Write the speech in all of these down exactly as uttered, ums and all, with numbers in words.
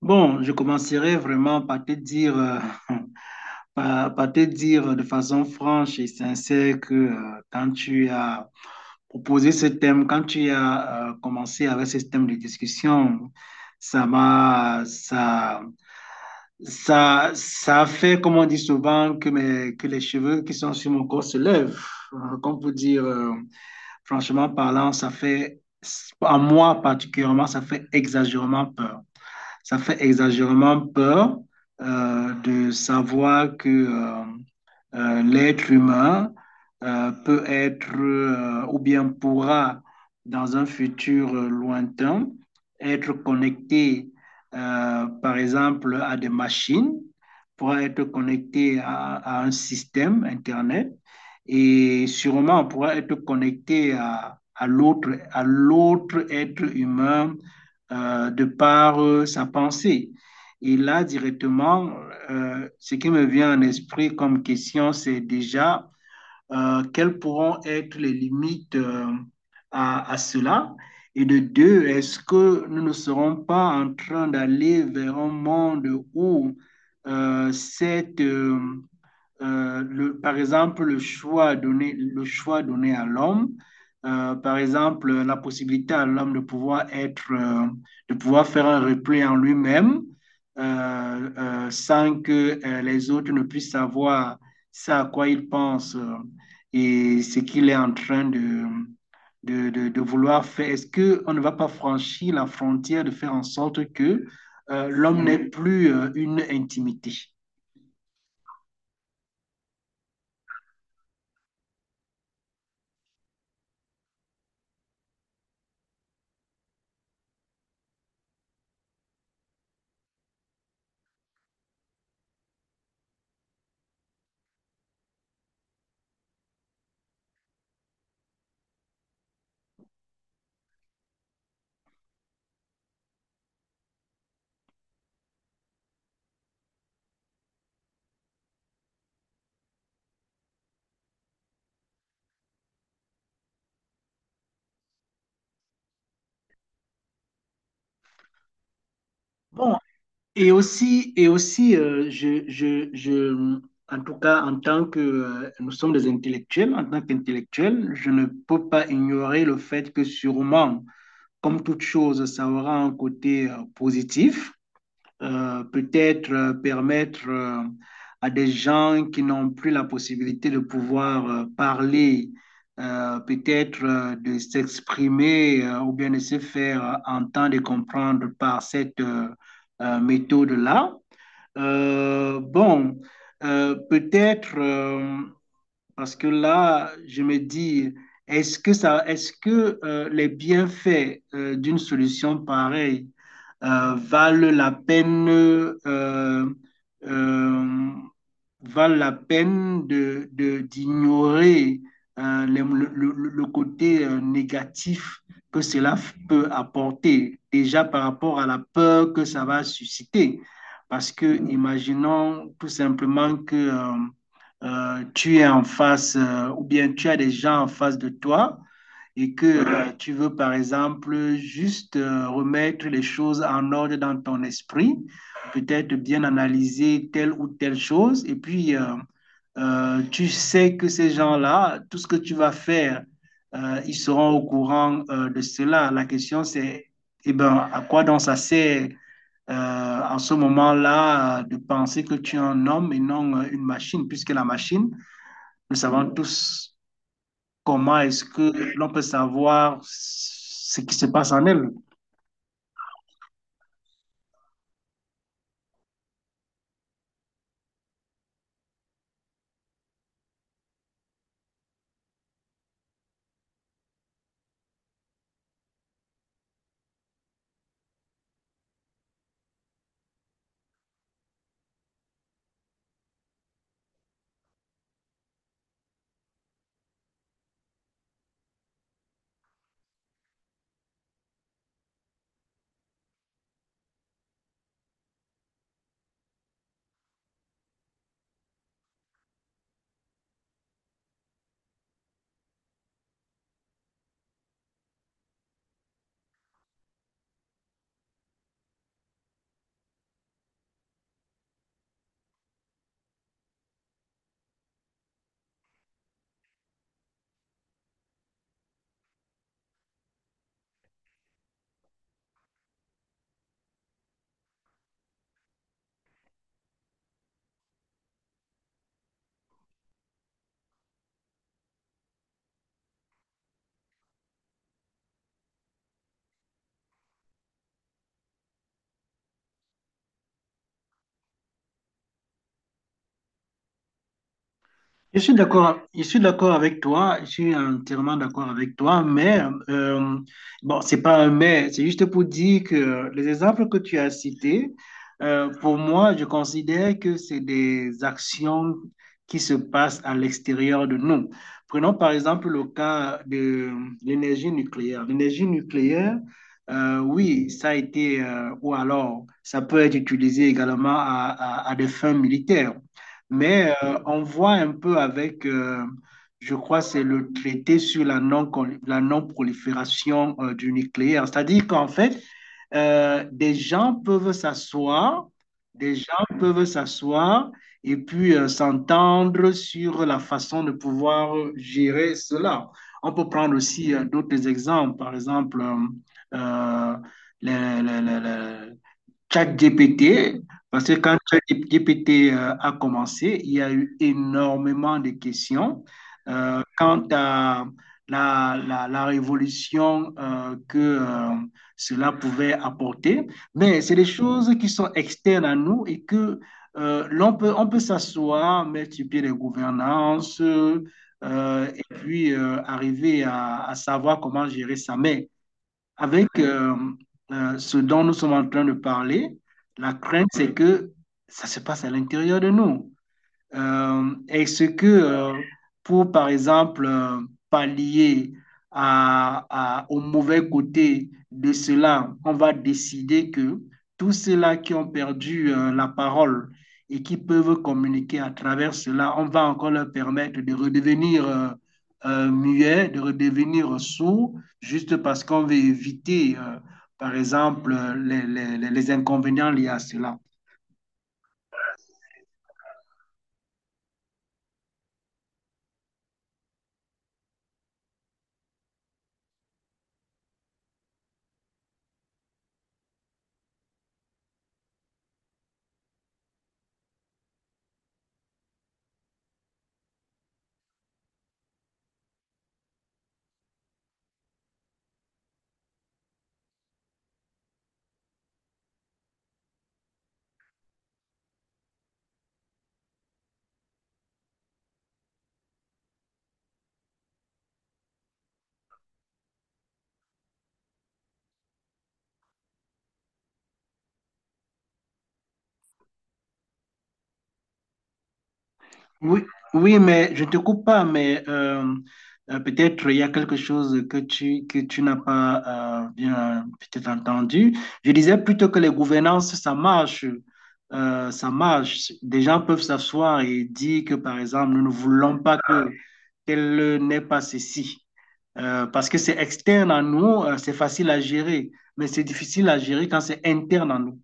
Bon, je commencerai vraiment par te dire, euh, par, par te dire de façon franche et sincère que euh, quand tu as proposé ce thème, quand tu as euh, commencé avec ce thème de discussion, ça m'a, ça, ça, ça a fait, comme on dit souvent, que, mes, que les cheveux qui sont sur mon corps se lèvent. Euh, Comme pour dire, euh, franchement parlant, ça fait, à moi particulièrement, ça fait exagérément peur, ça fait exagérément peur, euh, de savoir que euh, euh, l'être humain euh, peut être, euh, ou bien pourra dans un futur euh, lointain être connecté, euh, par exemple à des machines, pourra être connecté à, à un système Internet, et sûrement on pourra être connecté à, à l'autre, à l'autre être humain euh, de par euh, sa pensée. Et là, directement, euh, ce qui me vient en esprit comme question, c'est déjà euh, quelles pourront être les limites euh, à, à cela? Et de deux, est-ce que nous ne serons pas en train d'aller vers un monde où euh, cette, euh, euh, le, par exemple, le choix donné, le choix donné à l'homme, euh, par exemple, la possibilité à l'homme de pouvoir être, euh, de pouvoir faire un repli en lui-même euh, euh, sans que euh, les autres ne puissent savoir ce à quoi il pense, euh, et ce qu'il est en train de, de, de, de vouloir faire. Est-ce qu'on ne va pas franchir la frontière de faire en sorte que euh, l'homme n'ait plus euh, une intimité? Bon, Et aussi, et aussi, euh, je, je, je, en tout cas, en tant que euh, nous sommes des intellectuels, en tant qu'intellectuels, je ne peux pas ignorer le fait que sûrement, comme toute chose, ça aura un côté euh, positif, euh, peut-être euh, permettre euh, à des gens qui n'ont plus la possibilité de pouvoir euh, parler, euh, peut-être euh, de s'exprimer, euh, ou bien de se faire euh, entendre et comprendre par cette euh, euh, méthode-là. Euh, bon, euh, peut-être... euh, parce que là, je me dis, est-ce que ça, est-ce que euh, les bienfaits euh, d'une solution pareille euh, valent la peine, euh, euh, valent la peine de, de- d'ignorer euh, les- le, le- le côté euh, négatif que cela peut apporter, déjà par rapport à la peur que ça va susciter. Parce que imaginons tout simplement que euh, euh, tu es en face, euh, ou bien tu as des gens en face de toi, et que euh, tu veux, par exemple, juste euh, remettre les choses en ordre dans ton esprit, peut-être bien analyser telle ou telle chose, et puis euh, euh, tu sais que ces gens-là, tout ce que tu vas faire, euh, ils seront au courant euh, de cela. La question, c'est, eh ben, à quoi donc ça sert euh, en ce moment-là euh, de penser que tu es un homme et non euh, une machine, puisque la machine, nous savons tous comment est-ce que l'on peut savoir ce qui se passe en elle. Je suis d'accord, je suis d'accord avec toi, je suis entièrement d'accord avec toi, mais euh, bon, c'est pas un mais, c'est juste pour dire que les exemples que tu as cités, euh, pour moi, je considère que c'est des actions qui se passent à l'extérieur de nous. Prenons par exemple le cas de l'énergie nucléaire. L'énergie nucléaire, euh, oui, ça a été, euh, ou alors ça peut être utilisé également à à- à des fins militaires. Mais euh, on voit un peu avec, euh, je crois, c'est le traité sur la non, la non-prolifération euh, du nucléaire. C'est-à-dire qu'en fait, euh, des gens peuvent s'asseoir, des gens peuvent s'asseoir et puis euh, s'entendre sur la façon de pouvoir gérer cela. On peut prendre aussi euh, d'autres exemples, par exemple, euh, euh, les, les- les- les- ChatGPT, parce que quand ChatGPT euh, a commencé, il y a eu énormément de questions euh, quant à la, la- la révolution euh, que euh, cela pouvait apporter. Mais c'est des choses qui sont externes à nous et que euh, l'on peut, on peut s'asseoir, mettre sur pied des gouvernances, euh, et puis euh, arriver à, à savoir comment gérer ça. Mais avec euh, euh, ce dont nous sommes en train de parler, la crainte, c'est que ça se passe à l'intérieur de nous. Euh, est-ce que euh, pour, par exemple, euh, pallier à, à- au mauvais côté de cela, on va décider que tous ceux-là qui ont perdu euh, la parole et qui peuvent communiquer à travers cela, on va encore leur permettre de redevenir euh, euh, muets, de redevenir sourds, juste parce qu'on veut éviter, euh, par exemple, euh, les, les les- les inconvénients liés à cela. Oui, oui, mais je te coupe pas, mais euh, euh, peut-être il y a quelque chose que tu, que tu n'as pas euh, bien peut-être entendu. Je disais plutôt que les gouvernances, ça marche. Euh, ça marche. Des gens peuvent s'asseoir et dire que, par exemple, nous ne voulons pas que qu'elle n'ait pas ceci. Euh, parce que c'est externe à nous, euh, c'est facile à gérer, mais c'est difficile à gérer quand c'est interne à nous.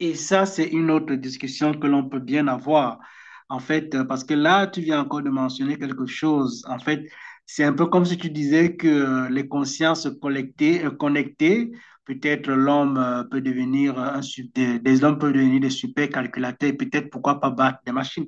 Et ça, c'est une autre discussion que l'on peut bien avoir. En fait, euh, parce que là, tu viens encore de mentionner quelque chose. En fait, c'est un peu comme si tu disais que euh, les consciences collectées, euh, connectées, peut-être l'homme euh, peut devenir euh, un sub- des, des hommes peuvent devenir des super calculateurs et peut-être pourquoi pas battre des machines.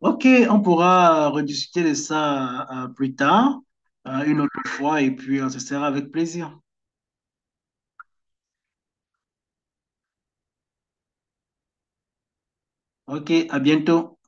Ok, on pourra euh, rediscuter de ça euh, plus tard, euh, une autre fois, et puis euh, ce sera avec plaisir. Ok, à bientôt.